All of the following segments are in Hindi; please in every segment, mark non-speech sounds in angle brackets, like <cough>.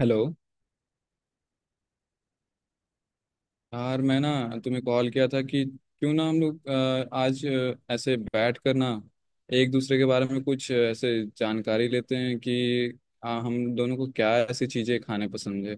हेलो। यार मैं ना तुम्हें कॉल किया था कि क्यों ना हम लोग आज ऐसे बैठ कर ना एक दूसरे के बारे में कुछ ऐसे जानकारी लेते हैं कि हम दोनों को क्या ऐसी चीजें खाने पसंद है।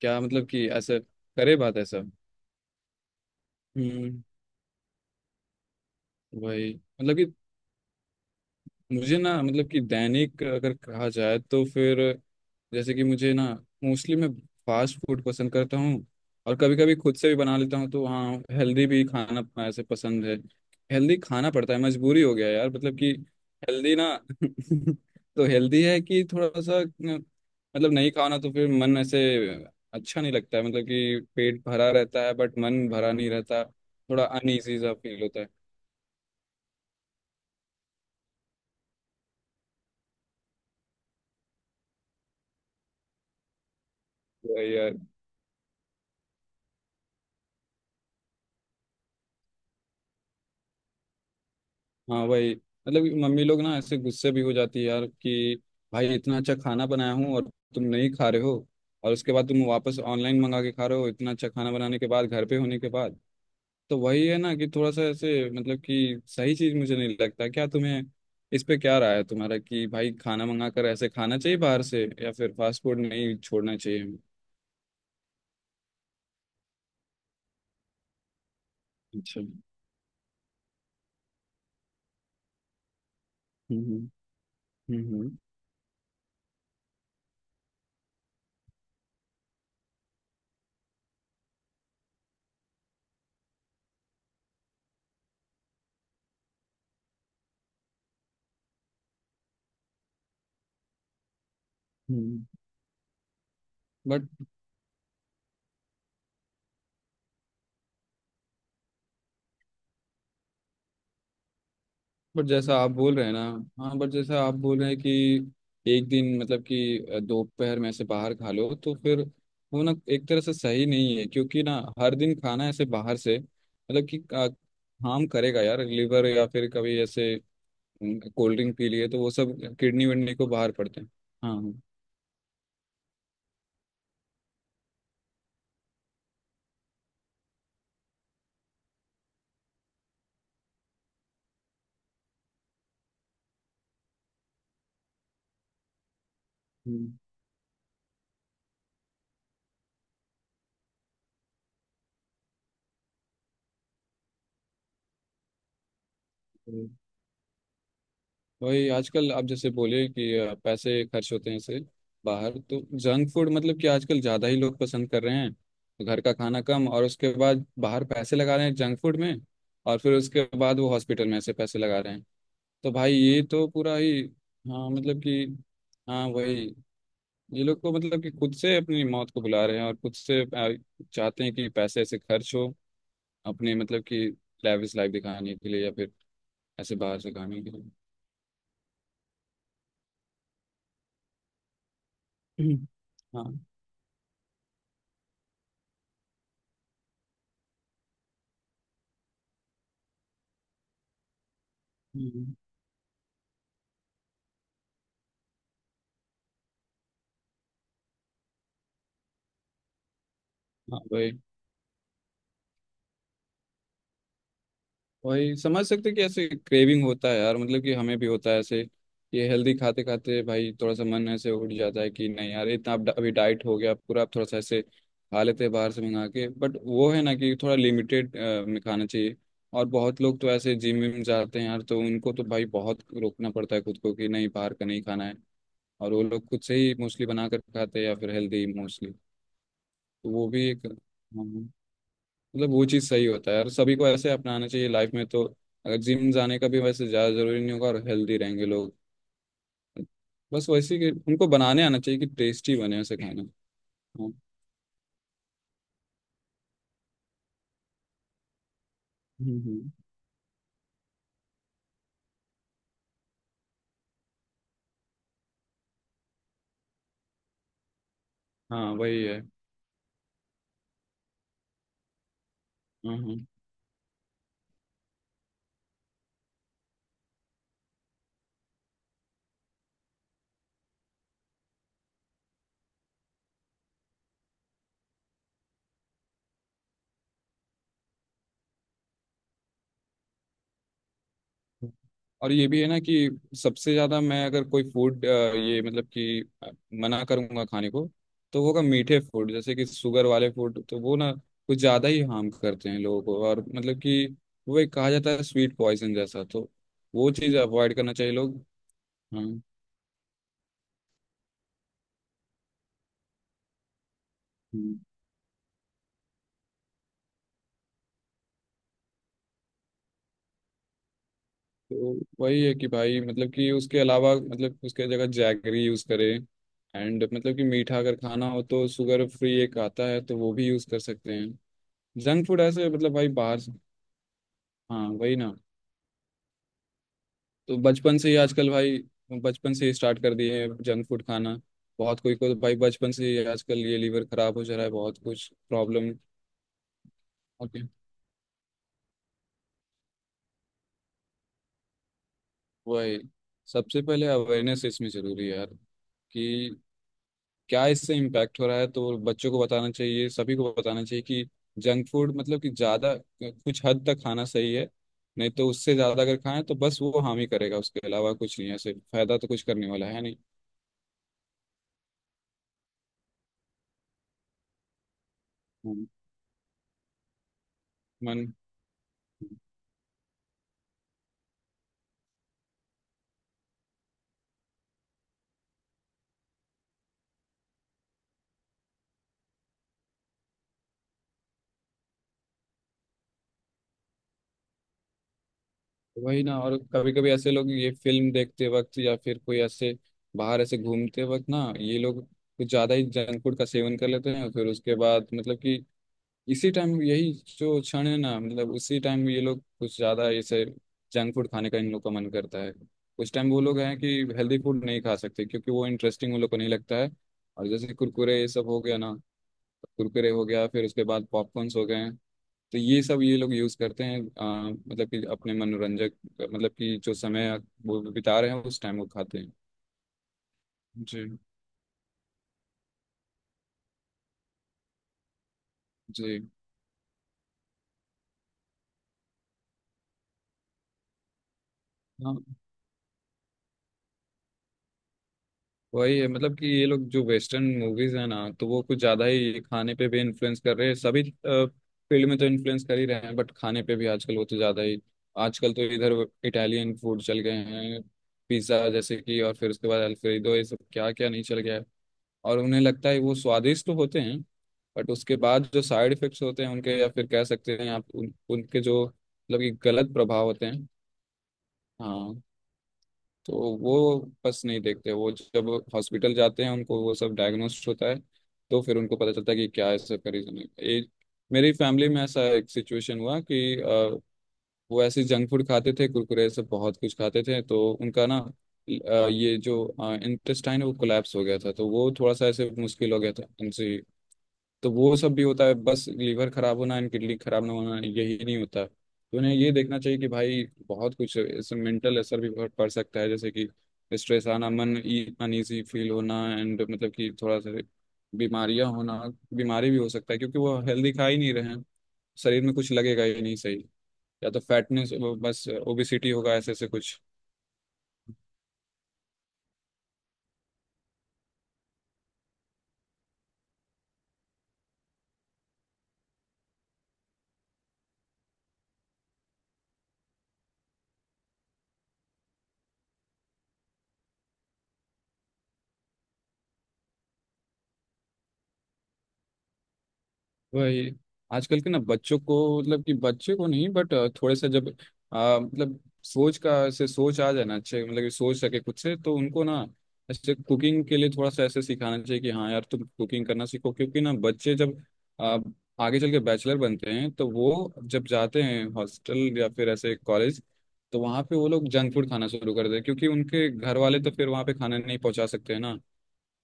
क्या मतलब कि ऐसे करे बात ऐसा। हम्म। वही मतलब कि मुझे ना मतलब कि दैनिक अगर कहा जाए तो फिर जैसे कि मुझे ना मोस्टली मैं फास्ट फूड पसंद करता हूँ। और कभी कभी खुद से भी बना लेता हूँ तो हाँ, हेल्दी भी खाना अपना ऐसे पसंद है। हेल्दी खाना पड़ता है मजबूरी हो गया यार मतलब कि हेल्दी ना। <laughs> तो हेल्दी है कि थोड़ा सा न, मतलब नहीं खाओ ना तो फिर मन ऐसे अच्छा नहीं लगता है मतलब कि पेट भरा रहता है बट मन भरा नहीं रहता। थोड़ा अनईजी सा फील होता है। तो वही यार। हाँ वही मतलब कि मम्मी लोग ना ऐसे गुस्से भी हो जाती है यार कि भाई इतना अच्छा खाना बनाया हूँ और तुम नहीं खा रहे हो। और उसके बाद तुम वापस ऑनलाइन मंगा के खा रहे हो इतना अच्छा खाना बनाने के बाद घर पे होने के बाद। तो वही है ना कि थोड़ा सा ऐसे मतलब कि सही चीज मुझे नहीं लगता क्या तुम्हें। इस पे क्या राय है तुम्हारा कि भाई खाना मंगा कर ऐसे खाना चाहिए बाहर से या फिर फास्ट फूड नहीं छोड़ना चाहिए हमें? अच्छा। हम्म हम्म हम्म। बट जैसा आप बोल रहे हैं ना। हाँ बट जैसा आप बोल रहे हैं कि एक दिन मतलब कि दोपहर में ऐसे बाहर खा लो तो फिर वो ना एक तरह से सही नहीं है क्योंकि ना हर दिन खाना ऐसे बाहर से मतलब कि हार्म करेगा यार लीवर। या फिर कभी ऐसे कोल्ड ड्रिंक पी लिए तो वो सब किडनी विडनी को बाहर पड़ते हैं। हाँ हाँ। हम्म, वही आजकल आप जैसे बोले कि पैसे खर्च होते हैं इससे बाहर तो। जंक फूड मतलब कि आजकल ज़्यादा ही लोग पसंद कर रहे हैं। घर का खाना कम और उसके बाद बाहर पैसे लगा रहे हैं जंक फूड में। और फिर उसके बाद वो हॉस्पिटल में ऐसे पैसे लगा रहे हैं। तो भाई ये तो पूरा ही। हाँ मतलब कि हाँ वही, ये लोग को मतलब कि खुद से अपनी मौत को बुला रहे हैं और खुद से चाहते हैं कि पैसे ऐसे खर्च हो अपने मतलब कि लाविश लाइफ दिखाने के लिए या फिर ऐसे बाहर से खाने के लिए। हम्म, हाँ हाँ भाई वही समझ सकते हैं कि ऐसे क्रेविंग होता है यार मतलब कि हमें भी होता है ऐसे। ये हेल्दी खाते खाते भाई थोड़ा सा मन ऐसे उठ जाता है कि नहीं यार इतना अब अभी डाइट हो गया पूरा, आप थोड़ा सा ऐसे खा लेते हैं बाहर से मंगा के, बट वो है ना कि थोड़ा लिमिटेड में खाना चाहिए। और बहुत लोग तो ऐसे जिम में जाते हैं यार तो उनको तो भाई बहुत रोकना पड़ता है खुद को कि नहीं बाहर का नहीं खाना है। और वो लोग खुद से ही मोस्टली बना कर खाते हैं या फिर हेल्दी मोस्टली। तो वो भी एक हाँ, मतलब वो चीज़ सही होता है यार सभी को ऐसे अपनाना चाहिए लाइफ में तो। अगर जिम जाने का भी वैसे ज़्यादा ज़रूरी नहीं होगा और हेल्दी रहेंगे लोग। बस वैसे कि उनको बनाने आना चाहिए कि टेस्टी बने ऐसे खाना। हाँ हम्म, हम्म। हाँ, वही है। हाँ हाँ। और ये भी है ना कि सबसे ज्यादा मैं अगर कोई फूड ये मतलब कि मना करूंगा खाने को, तो वो होगा मीठे फूड जैसे कि शुगर वाले फूड तो वो ना कुछ ज्यादा ही हार्म करते हैं लोगों को। और मतलब कि वो एक कहा जाता है स्वीट पॉइजन जैसा, तो वो चीज़ अवॉइड करना चाहिए लोग। हाँ हम्म। तो वही है कि भाई मतलब कि उसके अलावा मतलब उसके जगह जैगरी यूज़ करें। एंड मतलब कि मीठा अगर खाना हो तो शुगर फ्री एक आता है तो वो भी यूज़ कर सकते हैं। जंक फूड ऐसे मतलब भाई बाहर। हाँ वही ना। तो बचपन से ही आजकल भाई बचपन से ही स्टार्ट कर दिए हैं जंक फूड खाना। बहुत कोई को तो भाई बचपन से ही आजकल ये लीवर खराब हो जा रहा है बहुत कुछ प्रॉब्लम। ओके। वही, सबसे पहले अवेयरनेस इसमें जरूरी है यार कि क्या इससे इम्पैक्ट हो रहा है, तो बच्चों को बताना चाहिए सभी को बताना चाहिए कि जंक फूड मतलब कि ज़्यादा कुछ हद तक खाना सही है। नहीं तो उससे ज़्यादा अगर खाएं तो बस वो हानि करेगा उसके अलावा कुछ नहीं है ऐसे फायदा तो कुछ करने वाला है नहीं। हम्म, मन। वही ना, और कभी कभी ऐसे लोग ये फिल्म देखते वक्त या फिर कोई ऐसे बाहर ऐसे घूमते वक्त ना ये लोग कुछ ज्यादा ही जंक फूड का सेवन कर लेते हैं फिर उसके बाद मतलब कि इसी टाइम यही जो क्षण है ना मतलब उसी टाइम ये लोग कुछ ज्यादा ऐसे जंक फूड खाने का इन लोग का मन करता है। उस टाइम वो लोग हैं कि हेल्दी फूड नहीं खा सकते क्योंकि वो इंटरेस्टिंग उन लोग को नहीं लगता है। और जैसे कुरकुरे ये सब हो गया ना, कुरकुरे हो गया फिर उसके बाद पॉपकॉर्न्स हो गए। तो ये सब ये लोग यूज करते हैं मतलब कि अपने मनोरंजक मतलब कि जो समय वो बिता रहे हैं उस टाइम वो खाते हैं। जी जी। हाँ वही है मतलब कि ये लोग जो वेस्टर्न मूवीज है ना तो वो कुछ ज्यादा ही खाने पे भी इन्फ्लुएंस कर रहे हैं। सभी फील्ड में तो इन्फ्लुएंस कर ही रहे हैं बट खाने पे भी आजकल वो तो ज्यादा ही। आजकल तो इधर इटालियन फूड चल गए हैं। पिज्जा जैसे कि और फिर उसके बाद अल्फ्रेडो ये सब क्या क्या नहीं चल गया है। और उन्हें लगता है वो स्वादिष्ट तो होते हैं बट उसके बाद जो साइड इफेक्ट्स होते हैं उनके या फिर कह सकते हैं आप उनके जो मतलब कि गलत प्रभाव होते हैं। हाँ तो वो बस नहीं देखते वो जब हॉस्पिटल जाते हैं उनको वो सब डायग्नोस्ट होता है। तो फिर उनको पता चलता है कि क्या ऐसा का रीजन है ये। मेरी फैमिली में ऐसा एक सिचुएशन हुआ कि वो ऐसे जंक फूड खाते थे कुरकुरे सब बहुत कुछ खाते थे तो उनका ना ये जो इंटेस्टाइन है वो कोलैप्स हो गया था तो वो थोड़ा सा ऐसे मुश्किल हो गया था उनसे। तो वो सब भी होता है बस लीवर खराब होना एंड किडनी खराब ना होना यही नहीं होता तो उन्हें ये देखना चाहिए कि भाई बहुत कुछ इससे मेंटल असर भी बहुत पड़ सकता है जैसे कि स्ट्रेस आना, मन अनईजी फील होना एंड मतलब कि थोड़ा सा बीमारियां होना। बीमारी भी हो सकता है क्योंकि वो हेल्दी खा ही नहीं रहे हैं। शरीर में कुछ लगेगा ही नहीं सही, या तो फैटनेस बस ओबिसिटी होगा ऐसे ऐसे कुछ। वही आजकल के ना बच्चों को मतलब कि बच्चे को नहीं बट थोड़े से जब मतलब सोच का से सोच आ जाए ना अच्छे मतलब कि सोच सके खुद से तो उनको ना ऐसे कुकिंग के लिए थोड़ा सा ऐसे सिखाना चाहिए कि हाँ यार तुम कुकिंग करना सीखो क्योंकि ना बच्चे जब आ, आगे चल के बैचलर बनते हैं तो वो जब जाते हैं हॉस्टल या फिर ऐसे कॉलेज तो वहाँ पे वो लोग जंक फूड खाना शुरू कर देते हैं क्योंकि उनके घर वाले तो फिर वहाँ पे खाना नहीं पहुँचा सकते हैं ना।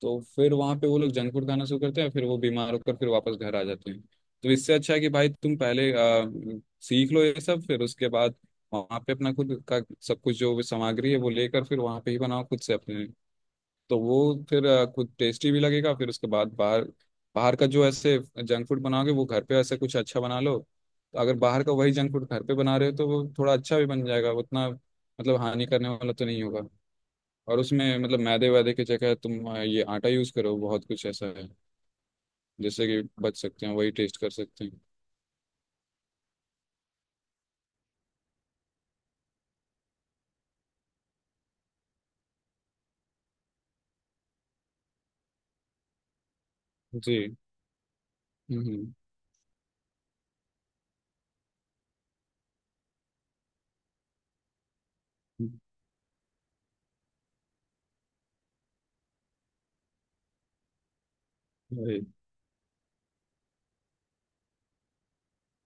तो फिर वहां पे वो लोग जंक फूड खाना शुरू करते हैं फिर वो बीमार होकर फिर वापस घर आ जाते हैं। तो इससे अच्छा है कि भाई तुम पहले सीख लो ये सब फिर उसके बाद वहां पे अपना खुद का सब कुछ जो भी सामग्री है वो लेकर फिर वहां पे ही बनाओ खुद से अपने। तो वो फिर खुद टेस्टी भी लगेगा फिर उसके बाद बाहर, बाहर का जो ऐसे जंक फूड बनाओगे वो घर पे ऐसे कुछ अच्छा बना लो। तो अगर बाहर का वही जंक फूड घर पे बना रहे हो तो वो थोड़ा अच्छा भी बन जाएगा उतना मतलब हानि करने वाला तो नहीं होगा। और उसमें मतलब मैदे वैदे की जगह तुम ये आटा यूज करो बहुत कुछ ऐसा है जैसे कि बच सकते हैं वही टेस्ट कर सकते हैं। जी। हम्म हम्म, वही,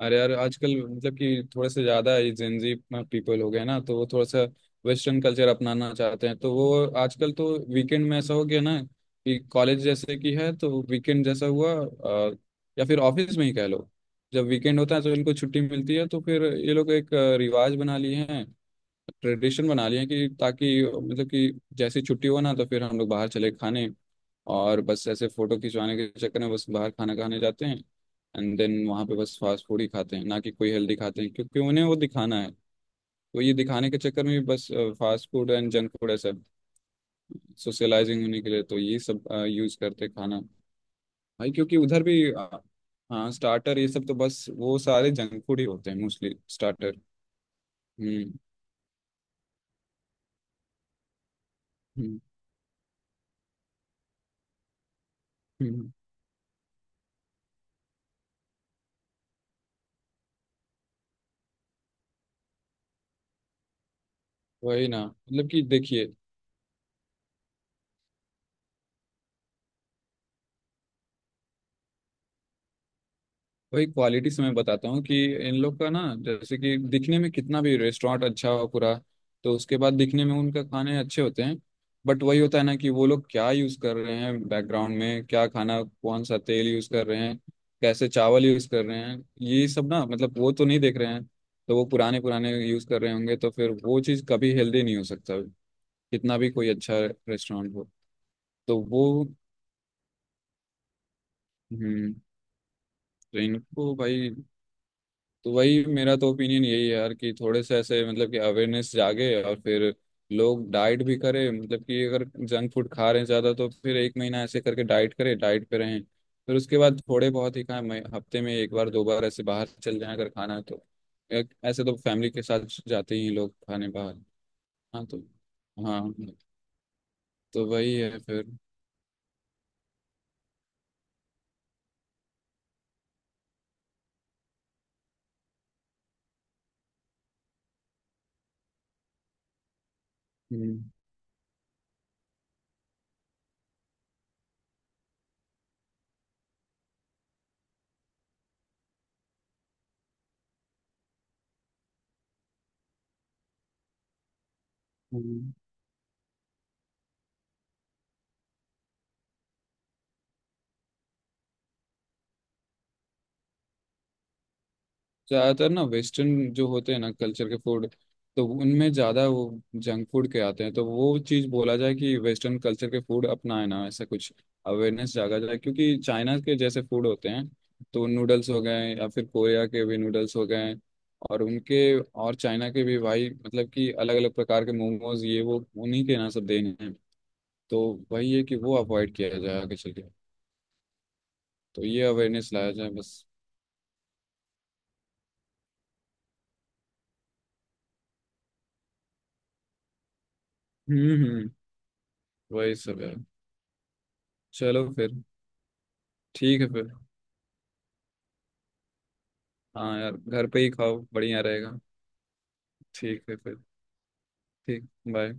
अरे यार आजकल मतलब कि थोड़े से ज़्यादा ये जेंजी पीपल हो गए ना तो वो थोड़ा सा वेस्टर्न कल्चर अपनाना चाहते हैं तो वो आजकल तो वीकेंड में ऐसा हो गया ना कि कॉलेज जैसे कि है तो वीकेंड जैसा हुआ या फिर ऑफिस में ही कह लो। जब वीकेंड होता है तो इनको छुट्टी मिलती है तो फिर ये लोग एक रिवाज बना लिए हैं ट्रेडिशन बना लिया है कि ताकि मतलब कि जैसे छुट्टी हो ना तो फिर हम लोग बाहर चले खाने। और बस ऐसे फोटो खिंचवाने के चक्कर में बस बाहर खाना खाने जाते हैं एंड देन वहाँ पे बस फास्ट फूड ही खाते हैं ना कि कोई हेल्दी खाते हैं क्योंकि उन्हें वो दिखाना है। तो ये दिखाने के चक्कर में बस fast food and junk food ऐसा सोशलाइजिंग होने के लिए तो ये सब यूज करते हैं खाना। भाई क्योंकि उधर भी हाँ स्टार्टर ये सब तो बस वो सारे जंक फूड ही होते हैं मोस्टली स्टार्टर। हम्म हम्म हम्म। वही ना मतलब कि देखिए। वही क्वालिटी से मैं बताता हूँ कि इन लोग का ना जैसे कि दिखने में कितना भी रेस्टोरेंट अच्छा हो पूरा, तो उसके बाद दिखने में उनका खाने अच्छे होते हैं। बट वही होता है ना कि वो लोग क्या यूज़ कर रहे हैं बैकग्राउंड में क्या खाना कौन सा तेल यूज़ कर रहे हैं कैसे चावल यूज़ कर रहे हैं ये सब ना मतलब वो तो नहीं देख रहे हैं। तो वो पुराने पुराने यूज़ कर रहे होंगे तो फिर वो चीज़ कभी हेल्दी नहीं हो सकता कितना भी कोई अच्छा रेस्टोरेंट हो। तो वो हम्म, तो इनको भाई, तो वही मेरा तो ओपिनियन यही है यार कि थोड़े से ऐसे मतलब कि अवेयरनेस जागे और फिर लोग डाइट भी करें मतलब कि अगर जंक फूड खा रहे हैं ज़्यादा तो फिर एक महीना ऐसे करके डाइट करें डाइट पे रहें। फिर उसके बाद थोड़े बहुत ही खाएं हफ्ते में एक बार दो बार ऐसे बाहर चल जाएं अगर खाना है तो। ऐसे तो फैमिली के साथ जाते ही हैं लोग खाने बाहर। हाँ तो हाँ तो वही है फिर। हम्म हम्म। ज्यादातर ना वेस्टर्न जो होते हैं ना कल्चर के फूड, तो उनमें ज्यादा वो जंक फूड के आते हैं तो वो चीज बोला जाए कि वेस्टर्न कल्चर के फूड अपनाए ना ऐसा कुछ अवेयरनेस जागा जाए। क्योंकि चाइना के जैसे फूड होते हैं तो नूडल्स हो गए या फिर कोरिया के भी नूडल्स हो गए और उनके और चाइना के भी भाई मतलब कि अलग अलग प्रकार के मोमोज ये वो उन्हीं के ना सब देने हैं। तो वही है कि वो अवॉइड किया जाए आगे चल के। तो ये अवेयरनेस लाया जाए बस। हम्म हम्म वही सब है। चलो फिर। ठीक है फिर। हाँ यार घर पे ही खाओ बढ़िया रहेगा। ठीक है फिर। ठीक, बाय।